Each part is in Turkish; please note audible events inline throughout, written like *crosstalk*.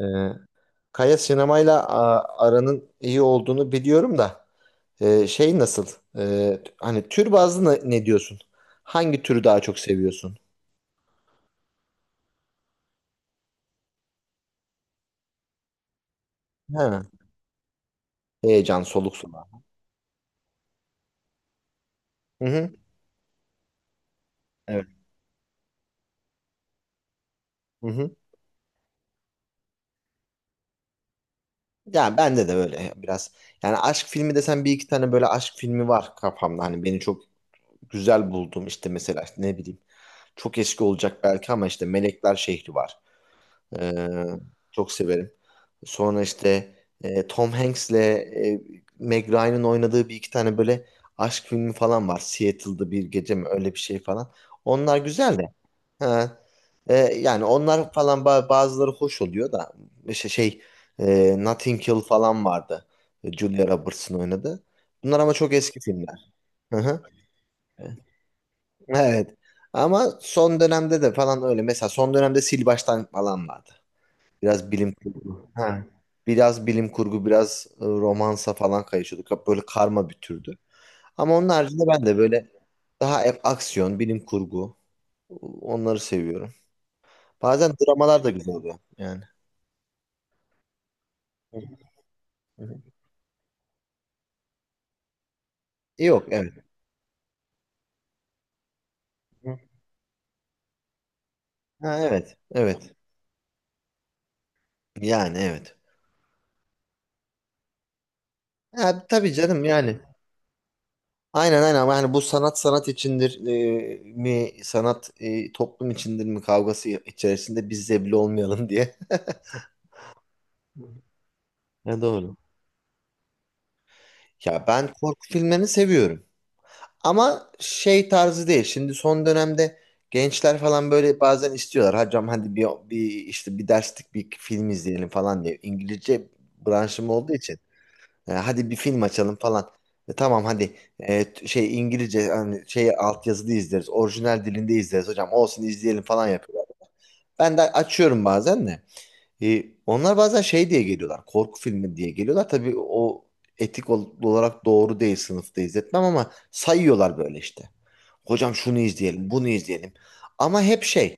Ee, Kaya sinemayla aranın iyi olduğunu biliyorum da şey nasıl? E, Hani tür bazlı ne diyorsun? Hangi türü daha çok seviyorsun? Ha, heyecan, soluk soluğa. Hı hı. Evet. Hı hı. Ya bende de böyle biraz. Yani aşk filmi desen bir iki tane böyle aşk filmi var kafamda. Hani beni çok güzel buldum işte mesela işte ne bileyim. Çok eski olacak belki ama işte Melekler Şehri var. Ee, çok severim. Sonra işte Tom Hanks'le Meg Ryan'ın oynadığı bir iki tane böyle aşk filmi falan var. Seattle'da bir gece mi öyle bir şey falan. Onlar güzel de. Ha. Yani onlar falan bazıları hoş oluyor da işte şey Notting Hill falan vardı. Julia Roberts'ın oynadığı. Bunlar ama çok eski filmler. Hı hı. Evet. Ama son dönemde de falan öyle. Mesela son dönemde Sil Baştan falan vardı. Biraz bilim kurgu. Ha. Biraz bilim kurgu, biraz romansa falan kayışıyorduk. Hep böyle karma bir türdü. Ama onun haricinde ben de böyle daha hep aksiyon, bilim kurgu onları seviyorum. Bazen dramalar da güzel oluyor yani. Hı hı. Yok evet. Hı. Ha, evet. Evet. Yani evet. Ha, tabii canım yani. Aynen aynen, ama hani bu sanat sanat içindir mi, sanat toplum içindir mi kavgası içerisinde biz zebli olmayalım diye. *laughs* Ya doğru. Ya ben korku filmlerini seviyorum. Ama şey tarzı değil. Şimdi son dönemde gençler falan böyle bazen istiyorlar. Hocam hadi bir işte bir derslik bir film izleyelim falan diye. İngilizce branşım olduğu için. Hadi bir film açalım falan. Tamam hadi şey İngilizce hani şey altyazılı izleriz. Orijinal dilinde izleriz hocam. Olsun izleyelim falan yapıyorlar. Ben de açıyorum bazen de. Onlar bazen şey diye geliyorlar. Korku filmi diye geliyorlar. Tabii o etik olarak doğru değil, sınıfta izletmem ama sayıyorlar böyle işte. Hocam şunu izleyelim, bunu izleyelim. Ama hep şey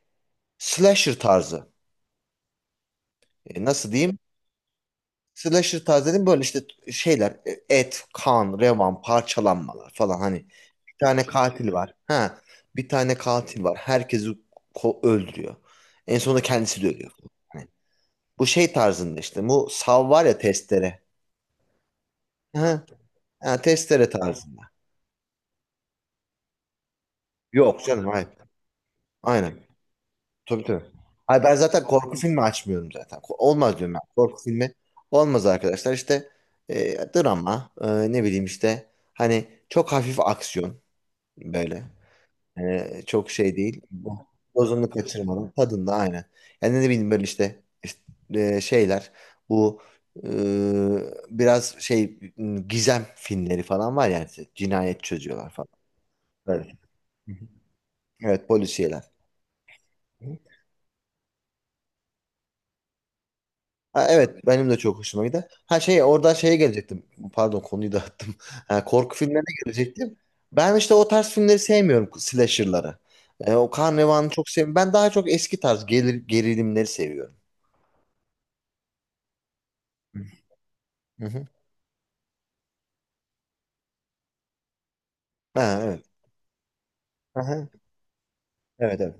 slasher tarzı. Nasıl diyeyim? Slasher tarzı dedim böyle işte şeyler et, kan, revan, parçalanmalar falan hani. Bir tane katil var. Ha, bir tane katil var. Herkesi öldürüyor. En sonunda kendisi de ölüyor. Hani bu şey tarzında işte. Bu sav var ya, testere. Ha, testere tarzında. Yok canım hayır. Aynen. Tabii tabii. Hayır ben zaten korku filmi açmıyorum zaten. Olmaz diyorum ben. Korku filmi olmaz arkadaşlar. İşte drama, ne bileyim işte hani çok hafif aksiyon böyle. Çok şey değil. Dozunu kaçırmadan tadında, aynen. Yani ne bileyim böyle işte, şeyler bu e, biraz şey gizem filmleri falan var yani, cinayet çözüyorlar falan. Böyle. Hı hı. Evet, polisiyeler. Ha, evet benim de çok hoşuma gider. Ha şey, oradan şeye gelecektim. Pardon, konuyu *laughs* dağıttım. Ha, korku filmlerine gelecektim. Ben işte o tarz filmleri sevmiyorum, slasher'ları. O Karnevan'ı çok sevmiyorum. Ben daha çok eski tarz gelir, gerilimleri seviyorum. Hı hı. Ha, evet. Aha, evet evet.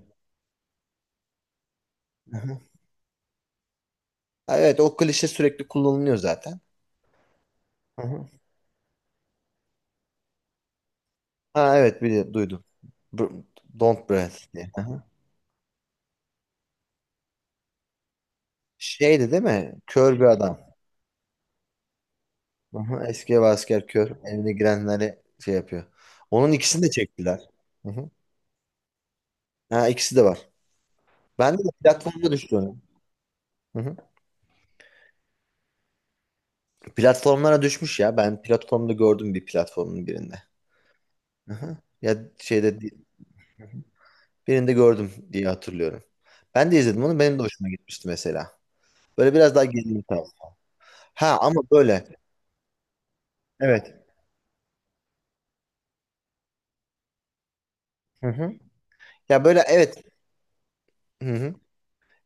Aha. Ha, evet o klişe sürekli kullanılıyor zaten. Aha. Ha, evet bili duydum. Br- Don't Breathe diye. Şeydi değil mi? Kör bir adam. Aha, eski ev asker kör. Evine girenleri şey yapıyor. Onun ikisini de çektiler. Hı hı. Ha, ikisi de var. Ben de platformda düştü onun. Hı hı. Platformlara düşmüş ya. Ben platformda gördüm, bir platformun birinde. Hı hı. Ya şeyde birinde gördüm diye hatırlıyorum. Ben de izledim onu. Benim de hoşuma gitmişti mesela. Böyle biraz daha gerilim tarzı. Ha ama böyle. Evet. Hı hı. Ya böyle evet. Hı hı.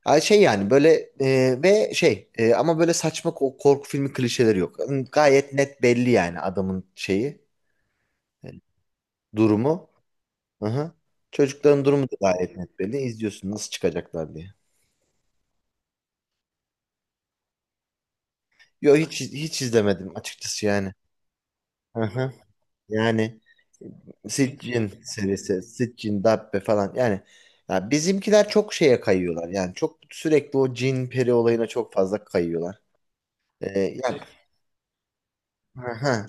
Ay şey yani böyle ve şey ama böyle saçma korku filmi klişeleri yok. Gayet net belli yani adamın şeyi, e, durumu. Hı-hı. Çocukların durumu da gayet net belli. İzliyorsun nasıl çıkacaklar diye. Yo, hiç hiç izlemedim açıkçası yani. Hı-hı. Yani Sitchin serisi, Sitchin, Dabbe falan yani ya bizimkiler çok şeye kayıyorlar. Yani çok sürekli o cin peri olayına çok fazla kayıyorlar. E, yani,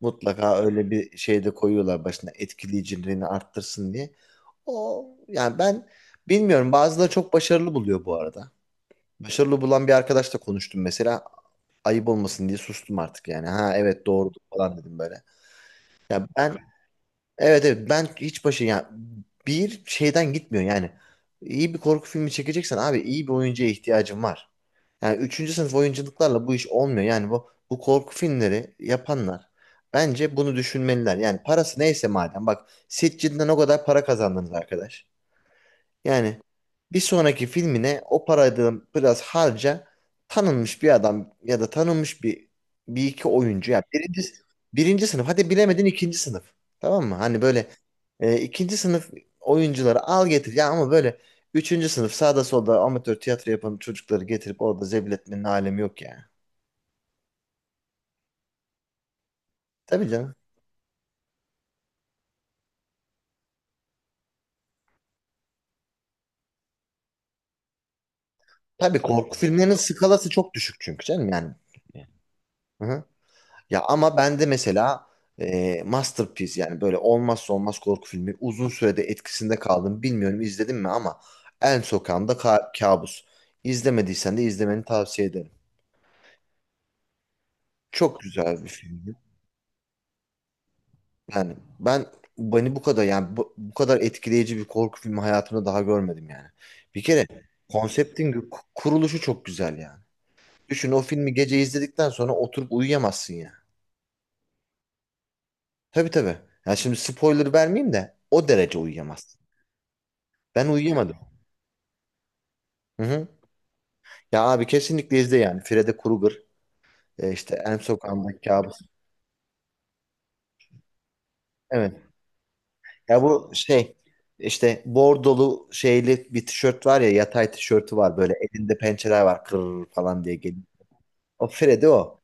Mutlaka öyle bir şey de koyuyorlar başına etkileyiciliğini arttırsın diye. O yani ben bilmiyorum, bazıları çok başarılı buluyor bu arada. Başarılı bulan bir arkadaşla konuştum mesela, ayıp olmasın diye sustum artık yani. Ha evet doğrudur falan dedim böyle. Ya ben Evet evet ben hiç başı yani bir şeyden gitmiyor yani. İyi bir korku filmi çekeceksen abi iyi bir oyuncuya ihtiyacın var. Yani üçüncü sınıf oyunculuklarla bu iş olmuyor. Yani bu korku filmleri yapanlar bence bunu düşünmeliler. Yani parası neyse madem, bak Sitges'den o kadar para kazandınız arkadaş. Yani bir sonraki filmine o parayı da biraz harca, tanınmış bir adam ya da tanınmış bir iki oyuncu ya, birinci sınıf, hadi bilemedin ikinci sınıf, tamam mı? Hani böyle ikinci sınıf oyuncuları al getir ya, ama böyle üçüncü sınıf sağda solda amatör tiyatro yapan çocukları getirip orada zebil etmenin alemi yok ya. Tabii canım. Tabii korku filmlerinin skalası çok düşük çünkü canım yani. Hı hı. Ya ama ben de mesela masterpiece yani böyle olmazsa olmaz korku filmi, uzun sürede etkisinde kaldım. Bilmiyorum izledim mi ama En Sokağımda Kabus. İzlemediysen de izlemeni tavsiye ederim. Çok güzel bir filmdi. Yani ben Beni bu kadar yani bu kadar etkileyici bir korku filmi hayatımda daha görmedim yani. Bir kere konseptin kuruluşu çok güzel yani. Düşün, o filmi gece izledikten sonra oturup uyuyamazsın ya. Tabii tabii. Ya şimdi spoiler vermeyeyim de o derece uyuyamazsın. Ben uyuyamadım. Hı hı. Ya abi kesinlikle izle yani. Freddy Krueger, işte En Sokağındaki Kabus. Evet. Ya bu şey işte bordolu şeyli bir tişört var ya, yatay tişörtü var böyle, elinde pençeler var kır falan diye geliyor. O Freddy o.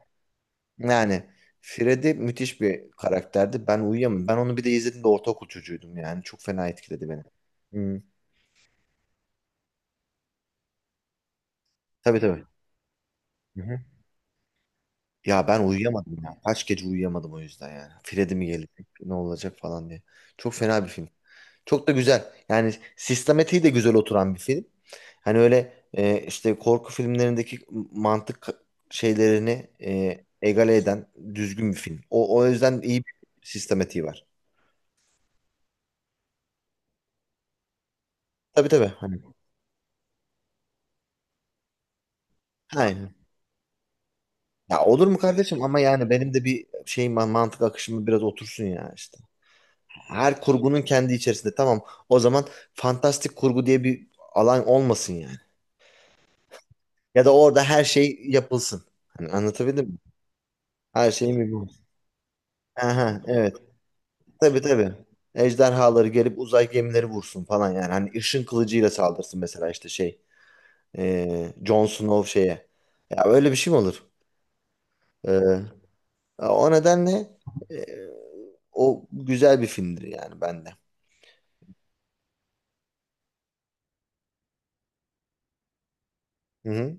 Yani Freddy müthiş bir karakterdi. Ben uyuyamam. Ben onu bir de izlediğimde ortaokul çocuğuydum yani. Çok fena etkiledi beni. Hı. Tabii tabii. Hı hı. Ya ben uyuyamadım ya. Kaç gece uyuyamadım o yüzden yani. Freddy mi gelecek? Ne olacak falan diye. Çok fena bir film. Çok da güzel. Yani sistematiği de güzel oturan bir film. Hani öyle işte korku filmlerindeki mantık şeylerini egale eden düzgün bir film. O yüzden iyi bir sistematiği var. Tabii tabii. Hani, aynen. Ya olur mu kardeşim, ama yani benim de bir şey mantık akışımı biraz otursun ya işte. Her kurgunun kendi içerisinde tamam. O zaman fantastik kurgu diye bir alan olmasın yani. Ya da orada her şey yapılsın. Hani anlatabildim mi? Her şey mi bu? Aha, evet. Tabii tabii. Ejderhaları gelip uzay gemileri vursun falan yani. Hani ışın kılıcıyla saldırsın mesela işte şey. Jon Snow şeye. Ya öyle bir şey mi olur? E, O nedenle e, o güzel bir filmdir yani bende. Hı hı.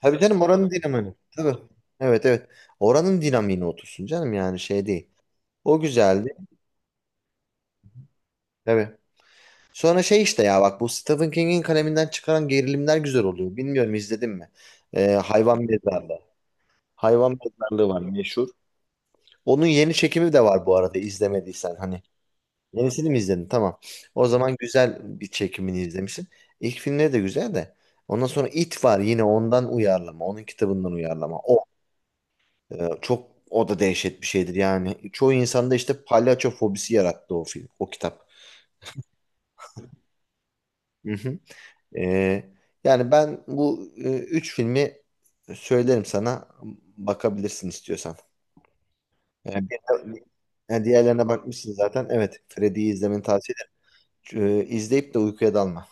Tabii canım oranın dinamini. Tabii. Evet evet. Oranın dinamiğine otursun canım yani, şey değil. O güzeldi. Tabii. Sonra şey işte, ya bak bu Stephen King'in kaleminden çıkaran gerilimler güzel oluyor. Bilmiyorum izledin mi? Hayvan Mezarlığı. Hayvan Mezarlığı var meşhur. Onun yeni çekimi de var bu arada, izlemediysen. Hani yenisini mi izledin? Tamam. O zaman güzel bir çekimini izlemişsin. İlk filmleri de güzel de. Ondan sonra It var, yine ondan uyarlama. Onun kitabından uyarlama. Çok o da dehşet bir şeydir yani. Çoğu insanda işte palyaço fobisi yarattı o film, o kitap. Hı hı. E, Yani ben bu üç filmi söylerim sana, bakabilirsin istiyorsan. Yani bir, Yani diğerlerine bakmışsın zaten. Evet, Freddy'yi izlemeni tavsiye ederim. İzleyip de uykuya dalma.